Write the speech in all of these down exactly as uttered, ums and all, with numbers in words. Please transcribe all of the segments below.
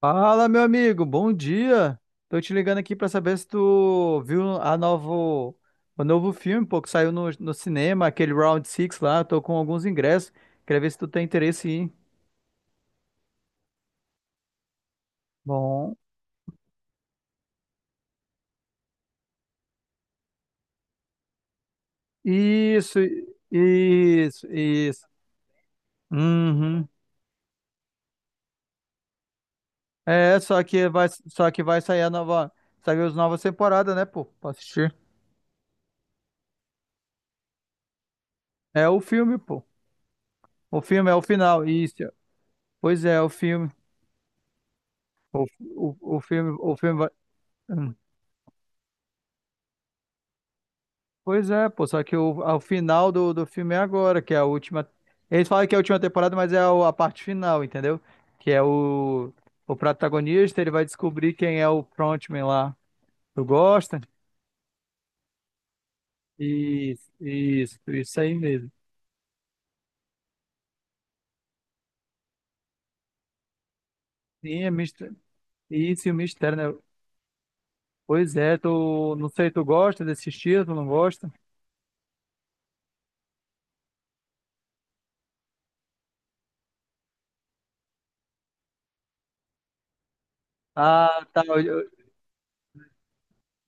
Fala, meu amigo, bom dia. Tô te ligando aqui pra saber se tu viu a novo, o novo filme, pô, que saiu no, no cinema, aquele Round Six lá. Tô com alguns ingressos. Queria ver se tu tem interesse em. Ir. Bom. Isso, isso, isso. Uhum. É, só que vai, só que vai sair a nova, saiu as novas temporadas, né, pô, pra assistir. É o filme, pô. O filme é o final, isso. Pois é, o filme. O, o, o filme, o filme vai. hum. Pois é, pô, só que o, ao final do, do filme é agora, que é a última. Eles falam que é a última temporada, mas é a, a parte final, entendeu? Que é o, o protagonista, ele vai descobrir quem é o frontman lá. Tu gosta? Isso, isso, isso aí mesmo. Sim, é mistério. Isso e o mistério, né? Pois é, tu, não sei, tu gosta desse estilo, tu não gosta? Ah, tá. eu- eu-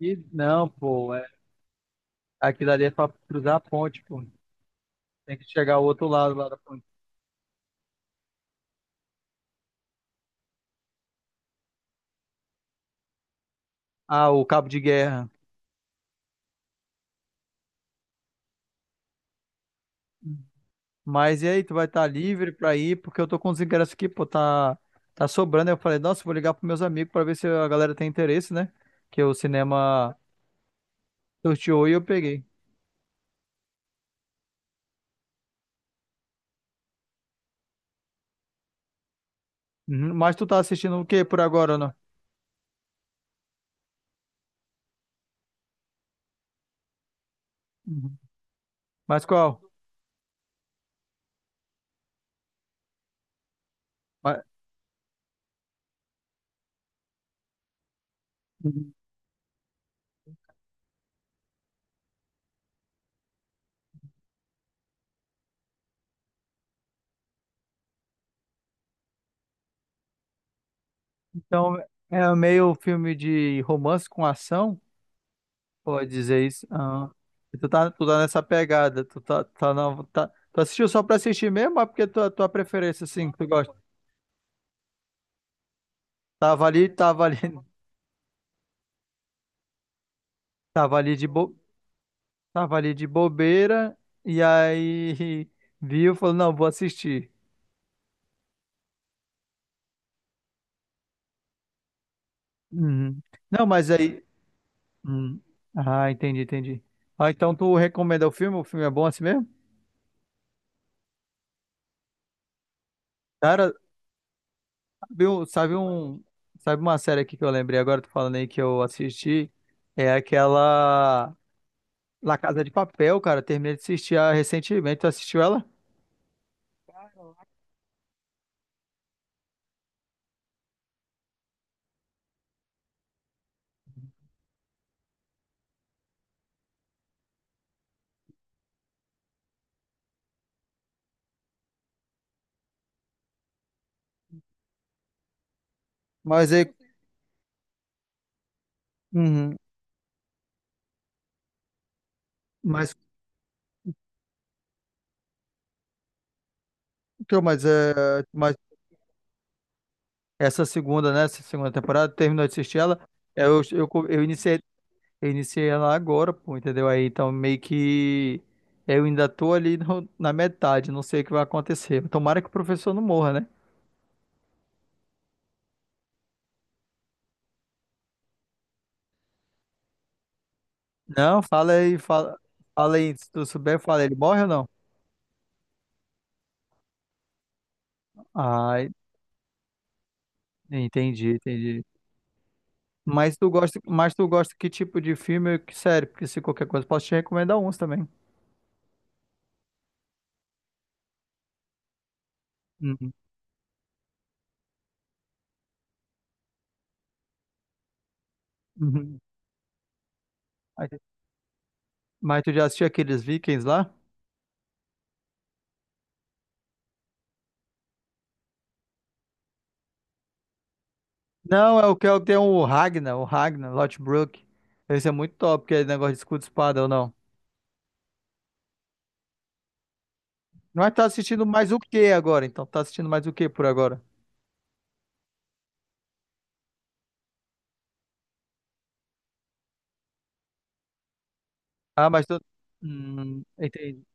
e não, pô, é, aquilo ali é pra cruzar a ponte, pô. Tem que chegar ao outro lado lá da ponte. Ah, o cabo de guerra. Mas e aí, tu vai estar livre pra ir? Porque eu tô com os ingressos aqui, pô, tá, tá sobrando. Aí eu falei, nossa, vou ligar pros meus amigos pra ver se a galera tem interesse, né? Que o cinema sorteou e eu peguei. Uhum. Mas tu tá assistindo o que por agora, não? Uhum. Mas qual? Ma- Uhum. Então, é meio filme de romance com ação, pode dizer isso. Ah, e tu tá, tu tá nessa pegada, tu tá, tá, na- tá, tu assistiu só pra assistir mesmo, ou é porque é tua, tua preferência, assim, que tu gosta? Tava ali, tava ali, tava ali de boa. Tava ali de bobeira e aí viu, falou, não, vou assistir. Uhum. Não, mas aí. Hum. Ah, entendi, entendi. Ah, então tu recomenda o filme? O filme é bom assim mesmo? Cara, sabe, um, sabe um- sabe uma série aqui que eu lembrei agora, tu falando aí que eu assisti? É aquela La Casa de Papel, cara. Terminei de assistir ah, recentemente. Tu assistiu ela? Mas é. Uhum. Mas, então, mas, é, mas essa segunda, né? Essa segunda temporada, terminou de assistir ela. Eu, eu, co- eu iniciei, eu iniciei ela agora, pô, entendeu? Aí então meio que eu ainda tô ali no- na metade, não sei o que vai acontecer. Tomara que o professor não morra, né? Não, fala aí, fala, fala aí, se tu souber, fala, ele morre ou não? Ai, entendi, entendi. Mas tu gosta, mas tu gosta que tipo de filme ou que série? Porque se qualquer coisa, posso te recomendar uns também. Uhum, uhum. Mas mas tu já assistiu aqueles Vikings lá? Não, é o que é o que tem o Ragnar, o Ragnar, Lothbrok. Esse é muito top, que é negócio de escudo e espada ou não. Mas tá assistindo mais o que agora? Então, tá assistindo mais o que por agora? Ah, mas tu. Hum, entendi.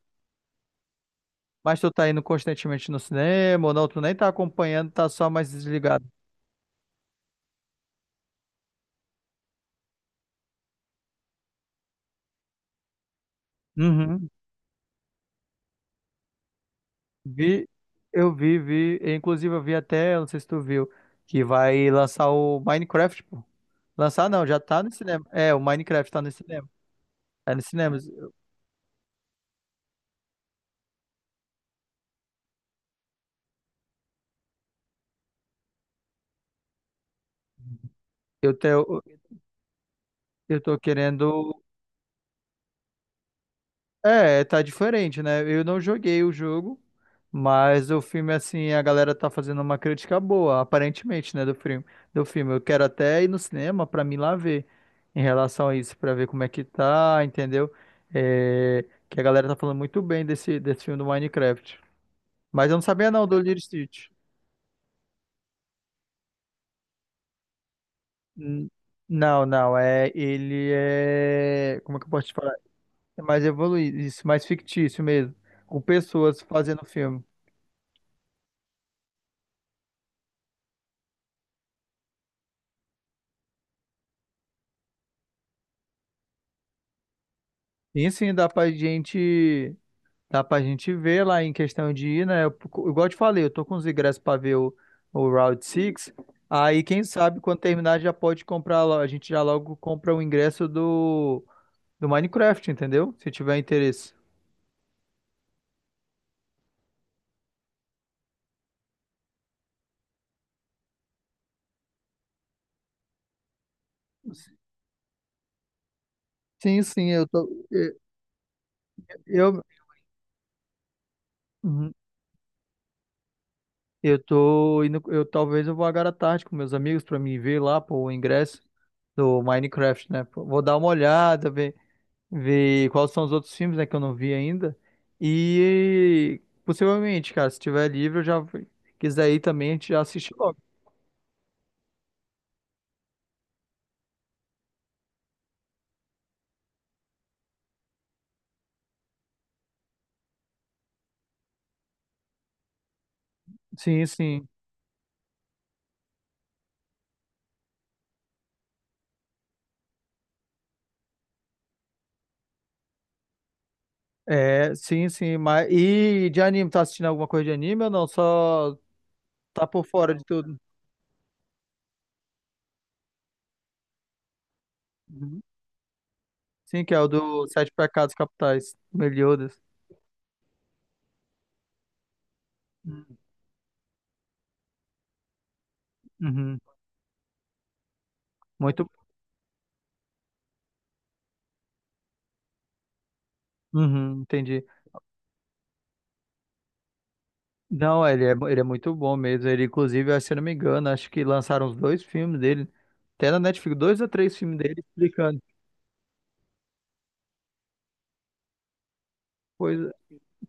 Mas tu tá indo constantemente no cinema ou não? Tu nem tá acompanhando, tá só mais desligado. Uhum. Vi, eu vi, vi. Inclusive, eu vi até, eu não sei se tu viu, que vai lançar o Minecraft, pô. Lançar não, já tá no cinema. É, o Minecraft tá no cinema. Tá no cinema. Eu tenho. Eu tô querendo. É, tá diferente, né? Eu não joguei o jogo, mas o filme, assim, a galera tá fazendo uma crítica boa, aparentemente, né, do filme. Do filme. Eu quero até ir no cinema pra mim lá ver em relação a isso, pra ver como é que tá, entendeu? É, que a galera tá falando muito bem desse, desse filme do Minecraft. Mas eu não sabia, não, do Lilo e Stitch. N- Não, não, é. Ele é. Como é que eu posso te falar? É mais evoluído, isso, mais fictício mesmo. Com pessoas fazendo filme. Sim, sim, dá pra gente, dá pra gente ver lá em questão de ir, né? Eu- igual eu te falei, eu tô com os ingressos pra ver o, o Round Six. Aí, quem sabe, quando terminar, já pode comprar lá. A gente já logo compra o ingresso do, do Minecraft, entendeu? Se tiver interesse. Sim, sim, eu tô. Eu, eu, uhum, eu tô indo. Eu talvez eu vou agora à tarde com meus amigos pra me ver lá, pô, o ingresso do Minecraft, né? Pô, vou dar uma olhada, ver. Ver quais são os outros filmes, né, que eu não vi ainda. E possivelmente, cara, se tiver livre, eu já quiser ir também, a gente já assiste logo. Sim, sim. É, sim, sim. Mas... E de anime, tá assistindo alguma coisa de anime ou não? Só tá por fora de tudo. Uhum. Sim, que é o do Sete Pecados Capitais, Meliodas. Uhum. Muito. Uhum, entendi. Não, ele é, ele é muito bom mesmo. Ele, inclusive, acho- que, se eu não me engano, acho que lançaram os dois filmes dele. Até na Netflix, dois ou três filmes dele explicando. Pois,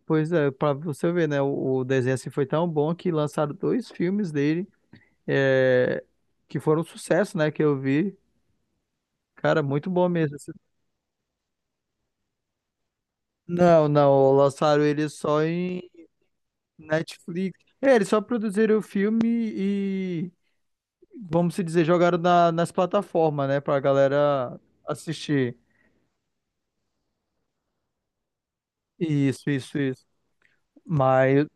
pois é, pra você ver, né? O, o desenho assim foi tão bom que lançaram dois filmes dele é, que foram um sucesso, né? Que eu vi. Cara, muito bom mesmo. Assim. Não, não, lançaram ele só em Netflix. É, eles só produziram o filme e, vamos se dizer, jogaram na- nas plataformas, né? Pra galera assistir. Isso, isso, isso. Mas eu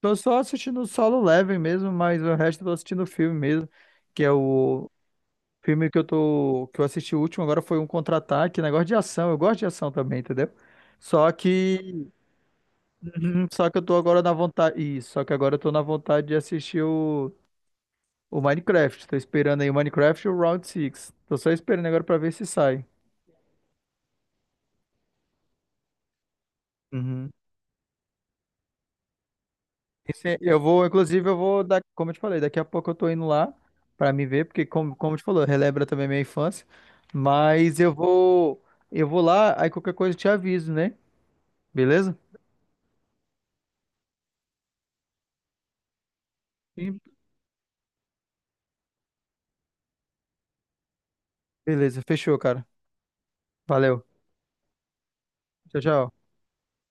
tô só assistindo o Solo Leveling mesmo, mas o resto eu tô assistindo o filme mesmo, que é o filme que eu tô, que eu assisti o último agora foi um contra-ataque, negócio de ação. Eu gosto de ação também, entendeu? Só que uhum. Só que eu tô agora na vontade, isso, só que agora eu tô na vontade de assistir o, o Minecraft. Tô esperando aí o Minecraft e o Round Six. Tô só esperando agora pra ver se sai. Uhum. Esse- é, eu vou, inclusive, eu vou dar, como eu te falei, daqui a pouco eu tô indo lá pra me ver, porque como, como eu te falou, relembra também minha infância. Mas eu vou, eu vou lá, aí qualquer coisa eu te aviso, né? Beleza? Sim. Beleza, fechou, cara. Valeu. Tchau, tchau.